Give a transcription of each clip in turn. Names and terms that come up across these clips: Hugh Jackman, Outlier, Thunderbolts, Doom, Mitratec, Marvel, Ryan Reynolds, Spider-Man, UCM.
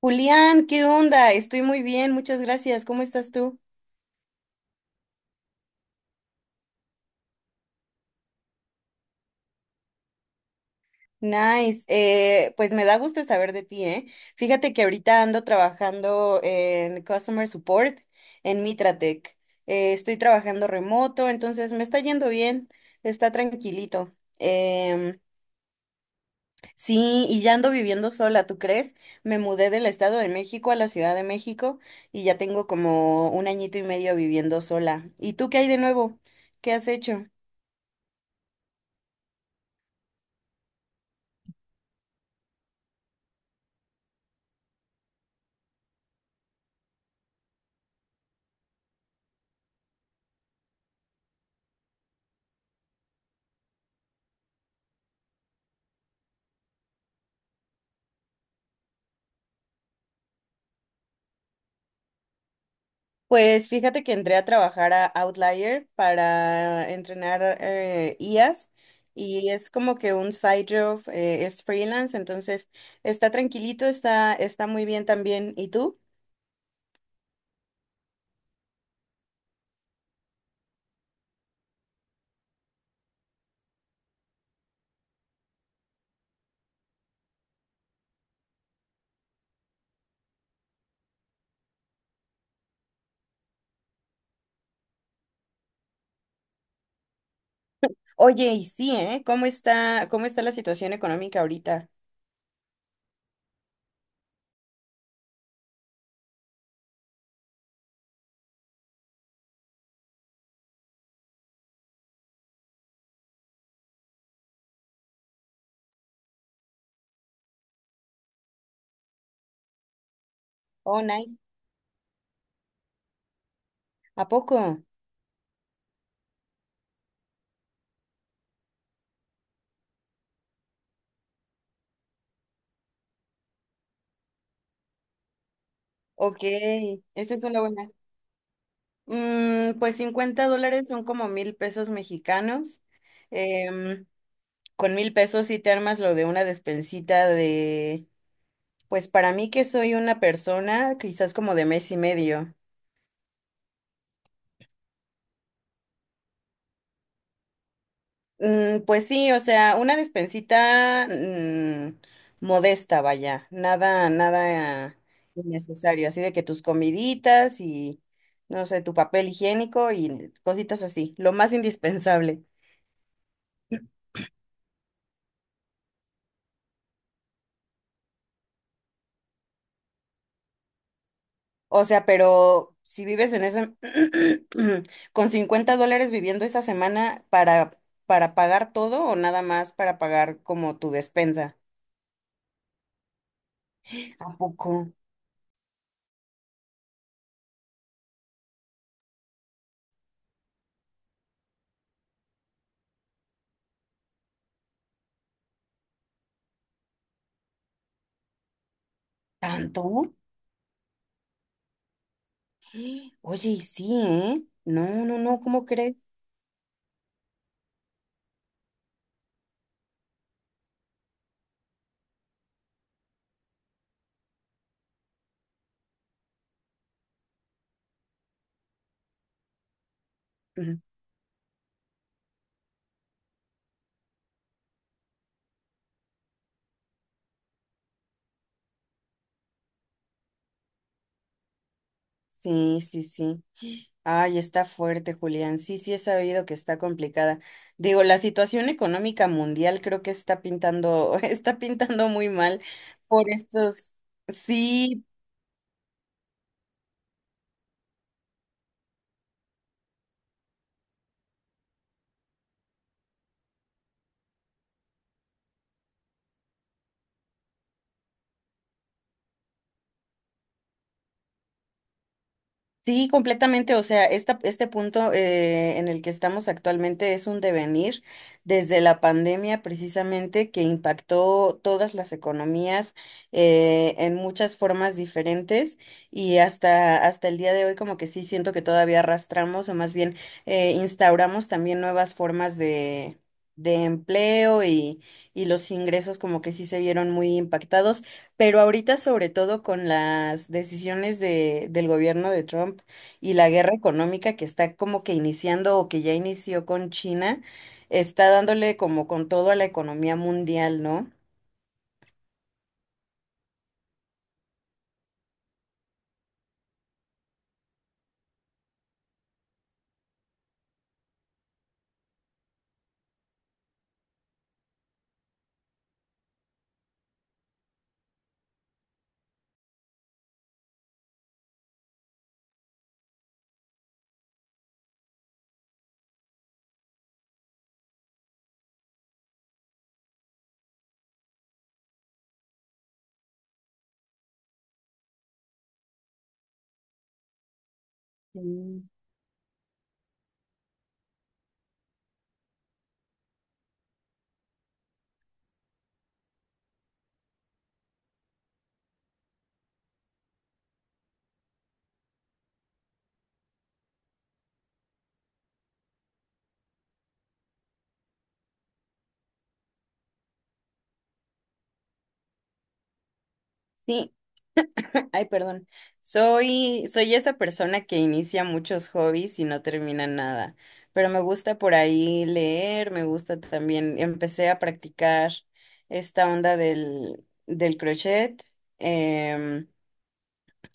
Julián, ¿qué onda? Estoy muy bien, muchas gracias. ¿Cómo estás tú? Nice. Pues me da gusto saber de ti, ¿eh? Fíjate que ahorita ando trabajando en Customer Support en Mitratec. Estoy trabajando remoto, entonces me está yendo bien, está tranquilito. Sí, y ya ando viviendo sola, ¿tú crees? Me mudé del Estado de México a la Ciudad de México y ya tengo como un añito y medio viviendo sola. ¿Y tú qué hay de nuevo? ¿Qué has hecho? Pues fíjate que entré a trabajar a Outlier para entrenar IAs, y es como que un side job, es freelance, entonces está tranquilito, está muy bien también. ¿Y tú? Oye, y sí, ¿eh? ¿Cómo está la situación económica ahorita? Oh, nice. ¿A poco? Ok, esa es una buena. Mm, pues $50 son como 1,000 pesos mexicanos. Em, con 1,000 pesos sí te armas lo de una despensita de. Pues para mí que soy una persona quizás como de mes y medio. Mm, pues sí, o sea, una despensita modesta, vaya, nada, nada innecesario, así de que tus comiditas y, no sé, tu papel higiénico y cositas así, lo más indispensable. O sea, pero si vives en ese, con $50 viviendo esa semana para, pagar todo o nada más para pagar como tu despensa. ¿A poco? ¿Tanto? Oye, y sí, ¿eh? No, no, no, ¿cómo crees? Ujú. Sí, sí, sí. Ay, está fuerte, Julián. Sí, sí, he sabido que está complicada. Digo, la situación económica mundial creo que está pintando, está pintando muy mal por estos, sí. Sí, completamente. O sea, este punto en el que estamos actualmente es un devenir desde la pandemia precisamente que impactó todas las economías en muchas formas diferentes, y hasta el día de hoy como que sí siento que todavía arrastramos, o más bien instauramos también nuevas formas de empleo, y los ingresos como que sí se vieron muy impactados. Pero ahorita, sobre todo con las decisiones del gobierno de Trump y la guerra económica que está como que iniciando o que ya inició con China, está dándole como con todo a la economía mundial, ¿no? Sí. Sí, ay, perdón. Soy esa persona que inicia muchos hobbies y no termina nada, pero me gusta por ahí leer, me gusta también, empecé a practicar esta onda del crochet. em,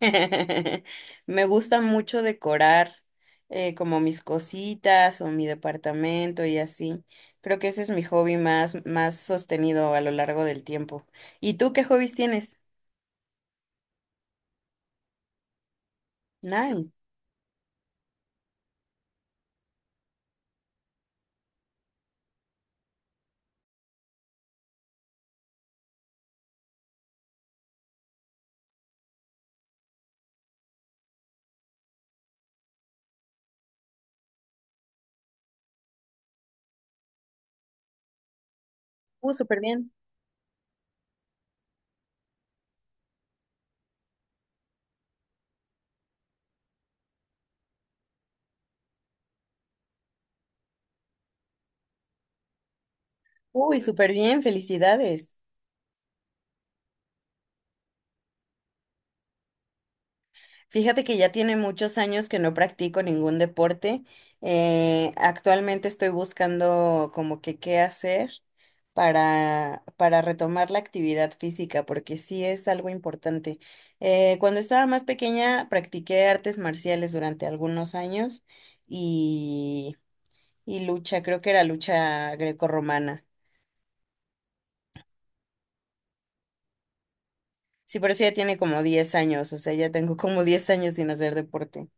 Me gusta mucho decorar como mis cositas o mi departamento y así. Creo que ese es mi hobby más sostenido a lo largo del tiempo. ¿Y tú qué hobbies tienes? Nice. Súper bien. Uy, súper bien, felicidades. Fíjate que ya tiene muchos años que no practico ningún deporte. Actualmente estoy buscando como que qué hacer para, retomar la actividad física, porque sí es algo importante. Cuando estaba más pequeña practiqué artes marciales durante algunos años y, y lucha, creo que era lucha grecorromana. Sí, pero eso ya tiene como 10 años, o sea, ya tengo como 10 años sin hacer deporte.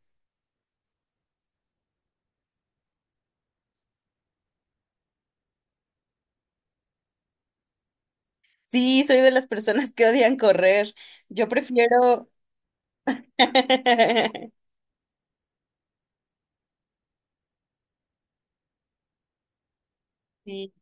Sí, soy de las personas que odian correr. Yo prefiero... Sí,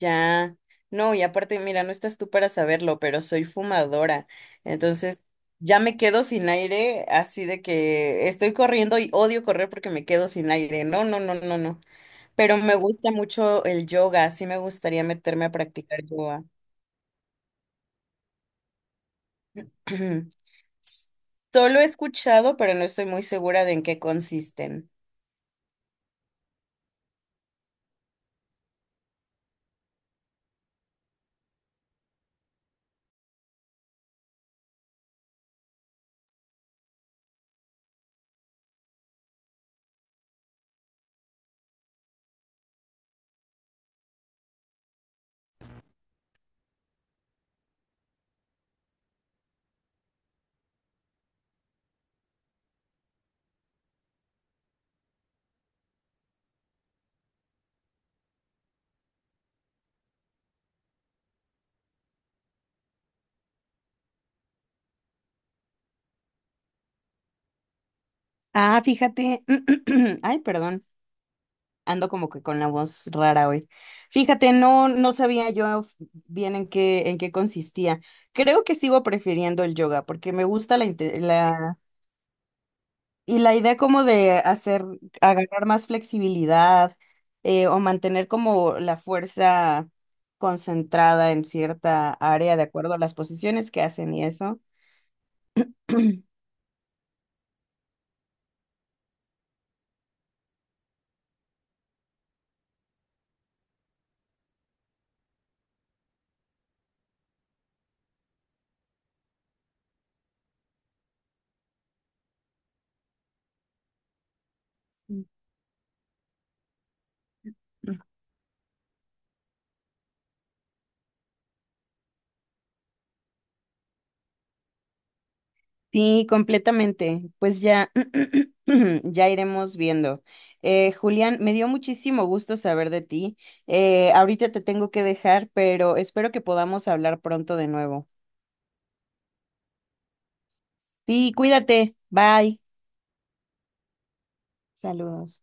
ya. No, y aparte, mira, no estás tú para saberlo, pero soy fumadora. Entonces, ya me quedo sin aire, así de que estoy corriendo y odio correr porque me quedo sin aire. No, no, no, no, no. Pero me gusta mucho el yoga, sí me gustaría meterme a practicar yoga. Solo he escuchado, pero no estoy muy segura de en qué consisten. Ah, fíjate. Ay, perdón. Ando como que con la voz rara hoy. Fíjate, no, no sabía yo bien en qué consistía. Creo que sigo prefiriendo el yoga porque me gusta la y la idea como de hacer, agarrar más flexibilidad, o mantener como la fuerza concentrada en cierta área de acuerdo a las posiciones que hacen y eso. Sí, completamente. Pues ya, ya iremos viendo. Julián, me dio muchísimo gusto saber de ti. Ahorita te tengo que dejar, pero espero que podamos hablar pronto de nuevo. Sí, cuídate. Bye. Saludos.